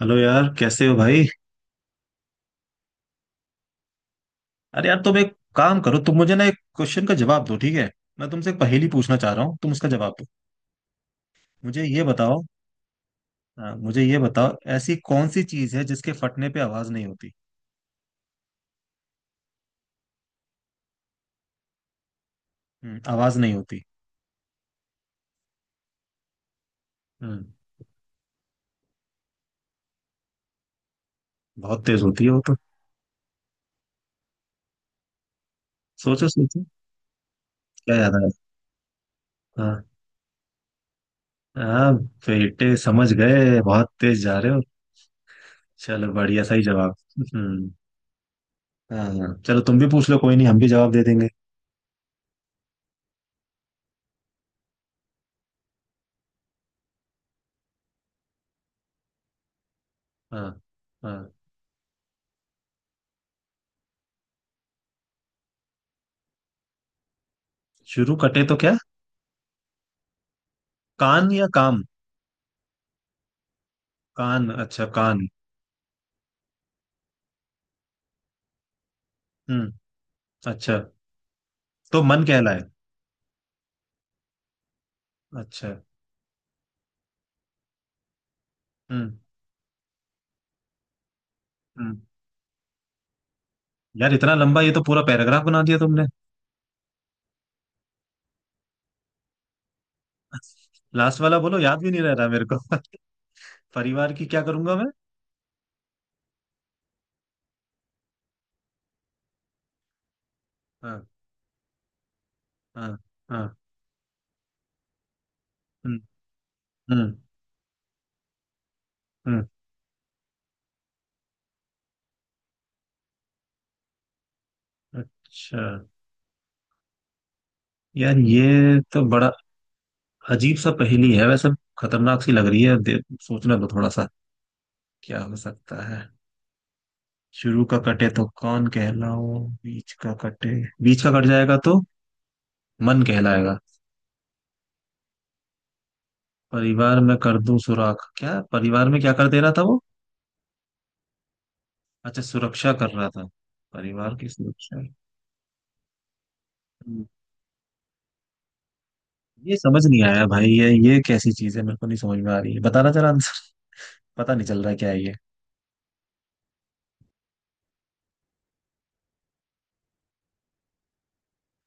Hello यार, कैसे हो भाई। अरे यार, तुम एक काम करो। तुम मुझे ना एक क्वेश्चन का जवाब दो, ठीक है। मैं तुमसे एक पहेली पूछना चाह रहा हूँ, तुम उसका जवाब दो। मुझे ये बताओ। हाँ, मुझे ये बताओ, ऐसी कौन सी चीज है जिसके फटने पे आवाज नहीं होती। आवाज नहीं होती। हम्म। बहुत तेज होती है वो तो। सोचो सोचो। क्या याद आया। हाँ हाँ। बेटे समझ गए, बहुत तेज जा रहे हो। चलो बढ़िया, सही जवाब। हम्म। हाँ हाँ, चलो तुम भी पूछ लो, कोई नहीं, हम भी जवाब दे देंगे। हाँ। हाँ। शुरू कटे तो क्या। कान या काम। कान, अच्छा कान। हम्म। अच्छा। तो मन कहलाए। अच्छा। हम्म। हम्म। यार इतना लंबा, ये तो पूरा पैराग्राफ बना दिया तुमने। लास्ट वाला बोलो, याद भी नहीं रह रहा मेरे को। परिवार की क्या करूंगा मैं। हाँ। हाँ। हाँ। हम्म। हम्म। हम्म। अच्छा। यार ये तो बड़ा अजीब सा पहेली है वैसे। खतरनाक सी लग रही है, सोचने दो थोड़ा सा। क्या हो सकता है। शुरू का कटे तो कौन कहलाओ, बीच का कटे, बीच का कट जाएगा तो मन कहलाएगा। परिवार में कर दूं सुराख, क्या परिवार में क्या कर दे रहा था वो। अच्छा, सुरक्षा कर रहा था। परिवार की सुरक्षा। हम्म। ये समझ नहीं आया भाई, ये कैसी चीज है, मेरे को नहीं समझ में आ रही है, बताना जरा आंसर। पता नहीं चल रहा है क्या है ये।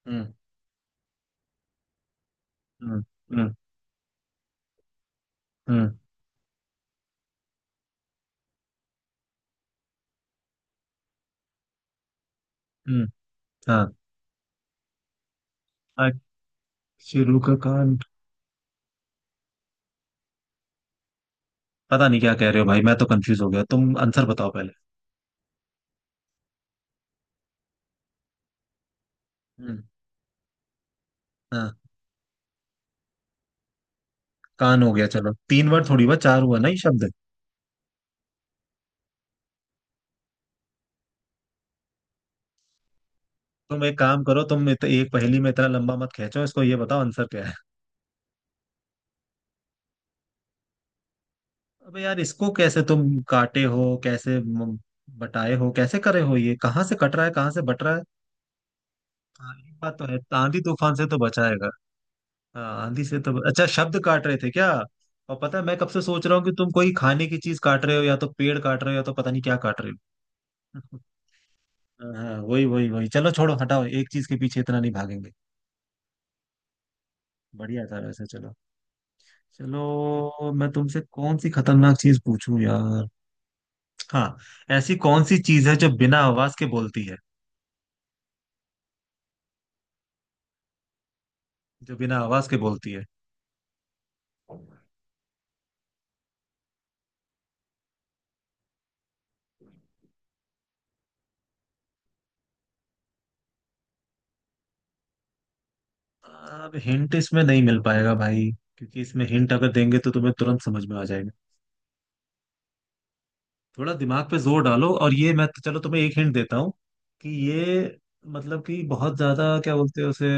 हम्म। हम्म। हम्म। हम्म। हम्म। हाँ। आज। शुरू का कान। पता नहीं क्या कह रहे हो भाई, मैं तो कंफ्यूज हो गया, तुम आंसर बताओ पहले। हम्म। हाँ। कान हो गया, चलो तीन वर्ड थोड़ी हुआ, चार हुआ ना ये शब्द। तुम एक काम करो, एक पहेली में इतना लंबा मत खींचो इसको, ये बताओ आंसर क्या है। अबे यार, इसको कैसे तुम काटे हो, बटाए हो, कैसे करे हो, ये कहाँ से कट रहा है, कहाँ से बट रहा है। हाँ ये बात तो है, आंधी तूफान से तो बचाएगा। हाँ, आंधी से तो अच्छा, शब्द काट रहे थे क्या। और पता है, मैं कब से सोच रहा हूँ कि तुम कोई खाने की चीज काट रहे हो या तो पेड़ काट रहे हो या तो पता नहीं क्या काट रहे हो। हाँ वही वही वही, चलो छोड़ो हटाओ, एक चीज के पीछे इतना नहीं भागेंगे। बढ़िया था वैसे, चलो। चलो मैं तुमसे कौन सी खतरनाक चीज पूछूं यार। हाँ। ऐसी कौन सी चीज है जो बिना आवाज के बोलती है। जो बिना आवाज के बोलती है। अब हिंट इसमें नहीं मिल पाएगा भाई, क्योंकि इसमें हिंट अगर देंगे तो तुम्हें तुरंत समझ में आ जाएगा। थोड़ा दिमाग पे जोर डालो, और ये चलो तुम्हें एक हिंट देता हूँ, कि ये, मतलब कि बहुत ज्यादा क्या बोलते हैं उसे।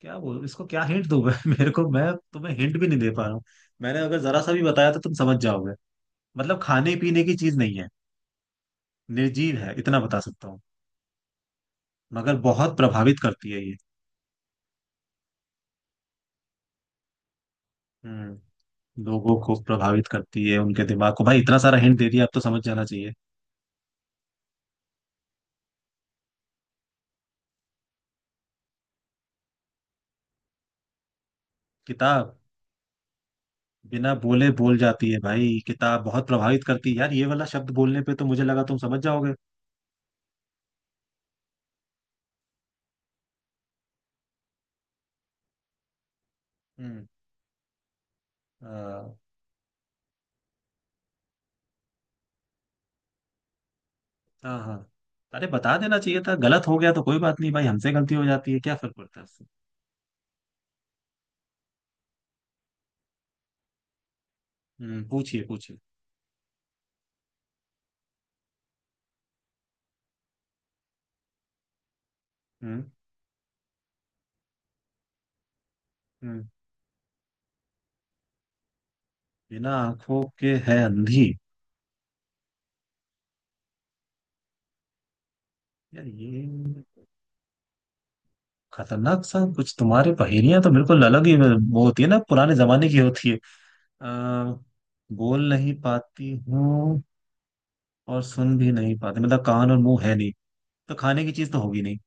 क्या बोल, इसको क्या हिंट दूं मैं। मेरे को, मैं तुम्हें हिंट भी नहीं दे पा रहा हूँ। मैंने अगर जरा सा भी बताया तो तुम समझ जाओगे। मतलब खाने पीने की चीज नहीं है, निर्जीव है, इतना बता सकता हूँ। मगर बहुत प्रभावित करती है ये। हम्म। लोगों को प्रभावित करती है, उनके दिमाग को, भाई इतना सारा हिंट दे दिया, अब तो समझ जाना चाहिए। किताब। बिना बोले बोल जाती है भाई, किताब बहुत प्रभावित करती है यार, ये वाला शब्द बोलने पे तो मुझे लगा तुम समझ जाओगे। हम्म। आ, हाँ हाँ। अरे बता देना चाहिए था, गलत हो गया तो कोई बात नहीं, भाई हमसे गलती हो जाती है, क्या फर्क पड़ता है उससे। हम्म, पूछिए पूछिए। हम्म। हम्म। बिना आंखों के है अंधी। यार ये खतरनाक सा कुछ, तुम्हारे पहेलियां तो बिल्कुल अलग ही वो होती है ना, पुराने जमाने की होती है। अ, बोल नहीं पाती हूँ और सुन भी नहीं पाती, मतलब कान और मुंह है नहीं, तो खाने की चीज तो होगी नहीं।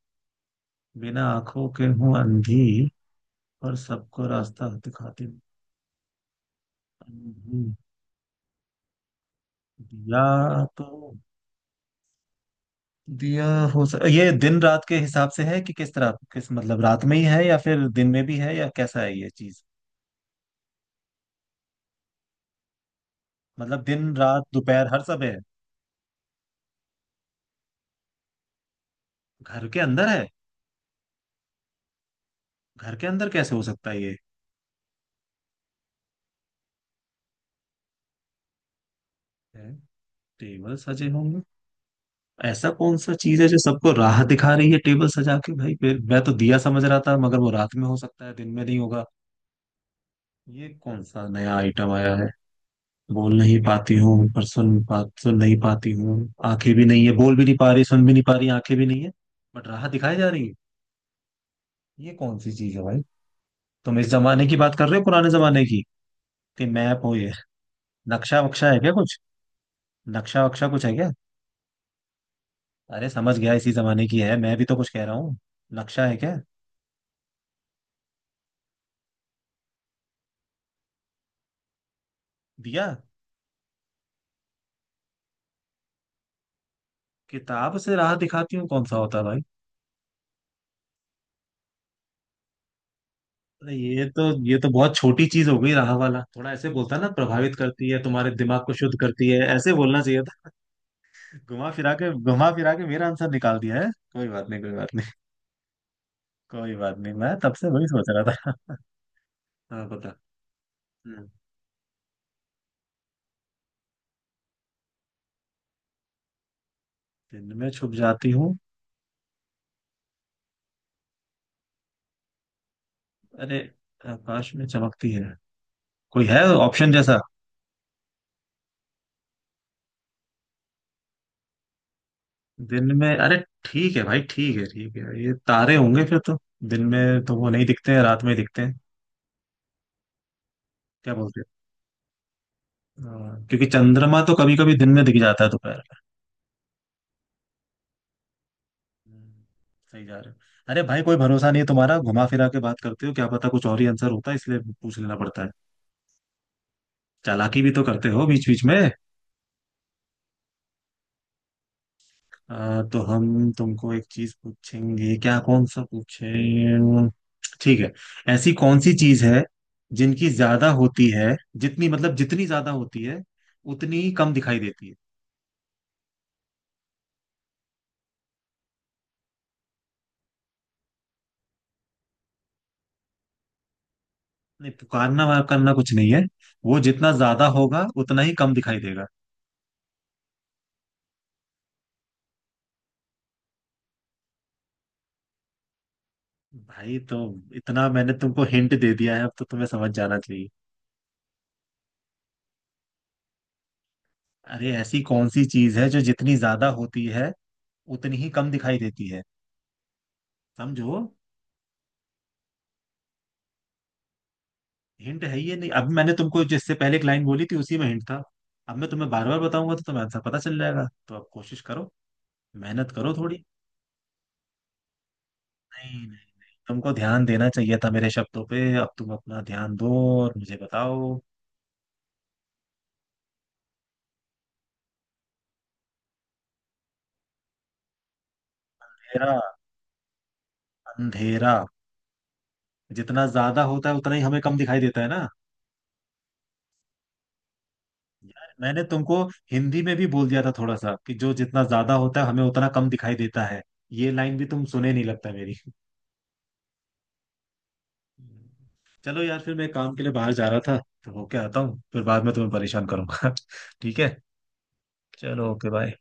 बिना आंखों के हूँ अंधी और सबको रास्ता दिखाती हूँ। अंधी। दिया तो, दिया। ये दिन रात के हिसाब से है, कि किस तरह, किस मतलब रात में ही है या फिर दिन में भी है, या कैसा है ये चीज। मतलब दिन रात दोपहर हर सब है। घर के अंदर है। घर के अंदर कैसे हो सकता है ये। है, टेबल सजे होंगे। ऐसा कौन सा चीज है जो सबको राह दिखा रही है टेबल सजा के, भाई फिर मैं तो दिया समझ रहा था, मगर वो रात में हो सकता है, दिन में नहीं होगा। ये कौन सा नया आइटम आया है। बोल नहीं पाती हूँ, पर सुन पा सुन नहीं पाती हूँ, आंखें भी नहीं है, बोल भी नहीं पा रही, सुन भी नहीं पा रही, आंखें भी नहीं है, बट राह दिखाई जा रही है, ये कौन सी चीज है भाई। तुम इस जमाने की बात कर रहे हो पुराने जमाने की, कि मैप हो ये। नक्शा वक्शा है क्या कुछ। नक्शा वक्शा कुछ है क्या। अरे समझ गया, इसी जमाने की है, मैं भी तो कुछ कह रहा हूँ, नक्शा है क्या। दिया। किताब से राह दिखाती हूँ, कौन सा होता है भाई। अरे ये तो, ये तो बहुत छोटी चीज हो गई, राह वाला थोड़ा ऐसे बोलता ना, प्रभावित करती है तुम्हारे दिमाग को, शुद्ध करती है, ऐसे बोलना चाहिए था। घुमा फिरा के, घुमा फिरा के मेरा आंसर निकाल दिया है, कोई बात नहीं, कोई बात नहीं। कोई बात नहीं, मैं तब से वही सोच रहा था। हाँ बता। हम्म, दिन में छुप जाती हूँ। अरे, आकाश में चमकती है, कोई है ऑप्शन जैसा। दिन में अरे, ठीक है भाई, ठीक है ठीक है, ये तारे होंगे फिर तो, दिन में तो वो नहीं दिखते हैं, रात में दिखते हैं। क्या बोलते हो। हाँ, क्योंकि चंद्रमा तो कभी कभी दिन में दिख जाता है, दोपहर में। हम्म, सही जा रहे हो। अरे भाई, कोई भरोसा नहीं है तुम्हारा, घुमा फिरा के बात करते हो, क्या पता कुछ और ही आंसर होता है, इसलिए पूछ लेना पड़ता है। चालाकी भी तो करते हो बीच बीच में। तो हम तुमको एक चीज पूछेंगे, क्या कौन सा पूछे। ठीक है। ऐसी कौन सी चीज है जिनकी ज्यादा होती है, जितनी ज्यादा होती है उतनी ही कम दिखाई देती है। नहीं, पुकारना वार करना कुछ नहीं है, वो जितना ज्यादा होगा उतना ही कम दिखाई देगा। भाई तो इतना मैंने तुमको हिंट दे दिया है, अब तो तुम्हें समझ जाना चाहिए। अरे ऐसी कौन सी चीज है जो जितनी ज्यादा होती है उतनी ही कम दिखाई देती है। समझो। हिंट है ये, नहीं अब मैंने तुमको जिससे पहले एक लाइन बोली थी, उसी में हिंट था। अब मैं तुम्हें बार बार बताऊंगा तो तुम्हें आंसर पता चल जाएगा, तो अब कोशिश करो, मेहनत करो थोड़ी। नहीं नहीं नहीं, तुमको ध्यान देना चाहिए था मेरे शब्दों पे, अब तुम अपना ध्यान दो और मुझे बताओ। अंधेरा। अंधेरा जितना ज्यादा होता है उतना ही हमें कम दिखाई देता है ना। यार मैंने तुमको हिंदी में भी बोल दिया था थोड़ा सा, कि जो जितना ज्यादा होता है हमें उतना कम दिखाई देता है, ये लाइन भी तुम सुने नहीं लगता मेरी। चलो यार, फिर मैं काम के लिए बाहर जा रहा था, तो होके आता हूँ, फिर बाद में तुम्हें परेशान करूंगा। ठीक है। चलो ओके बाय।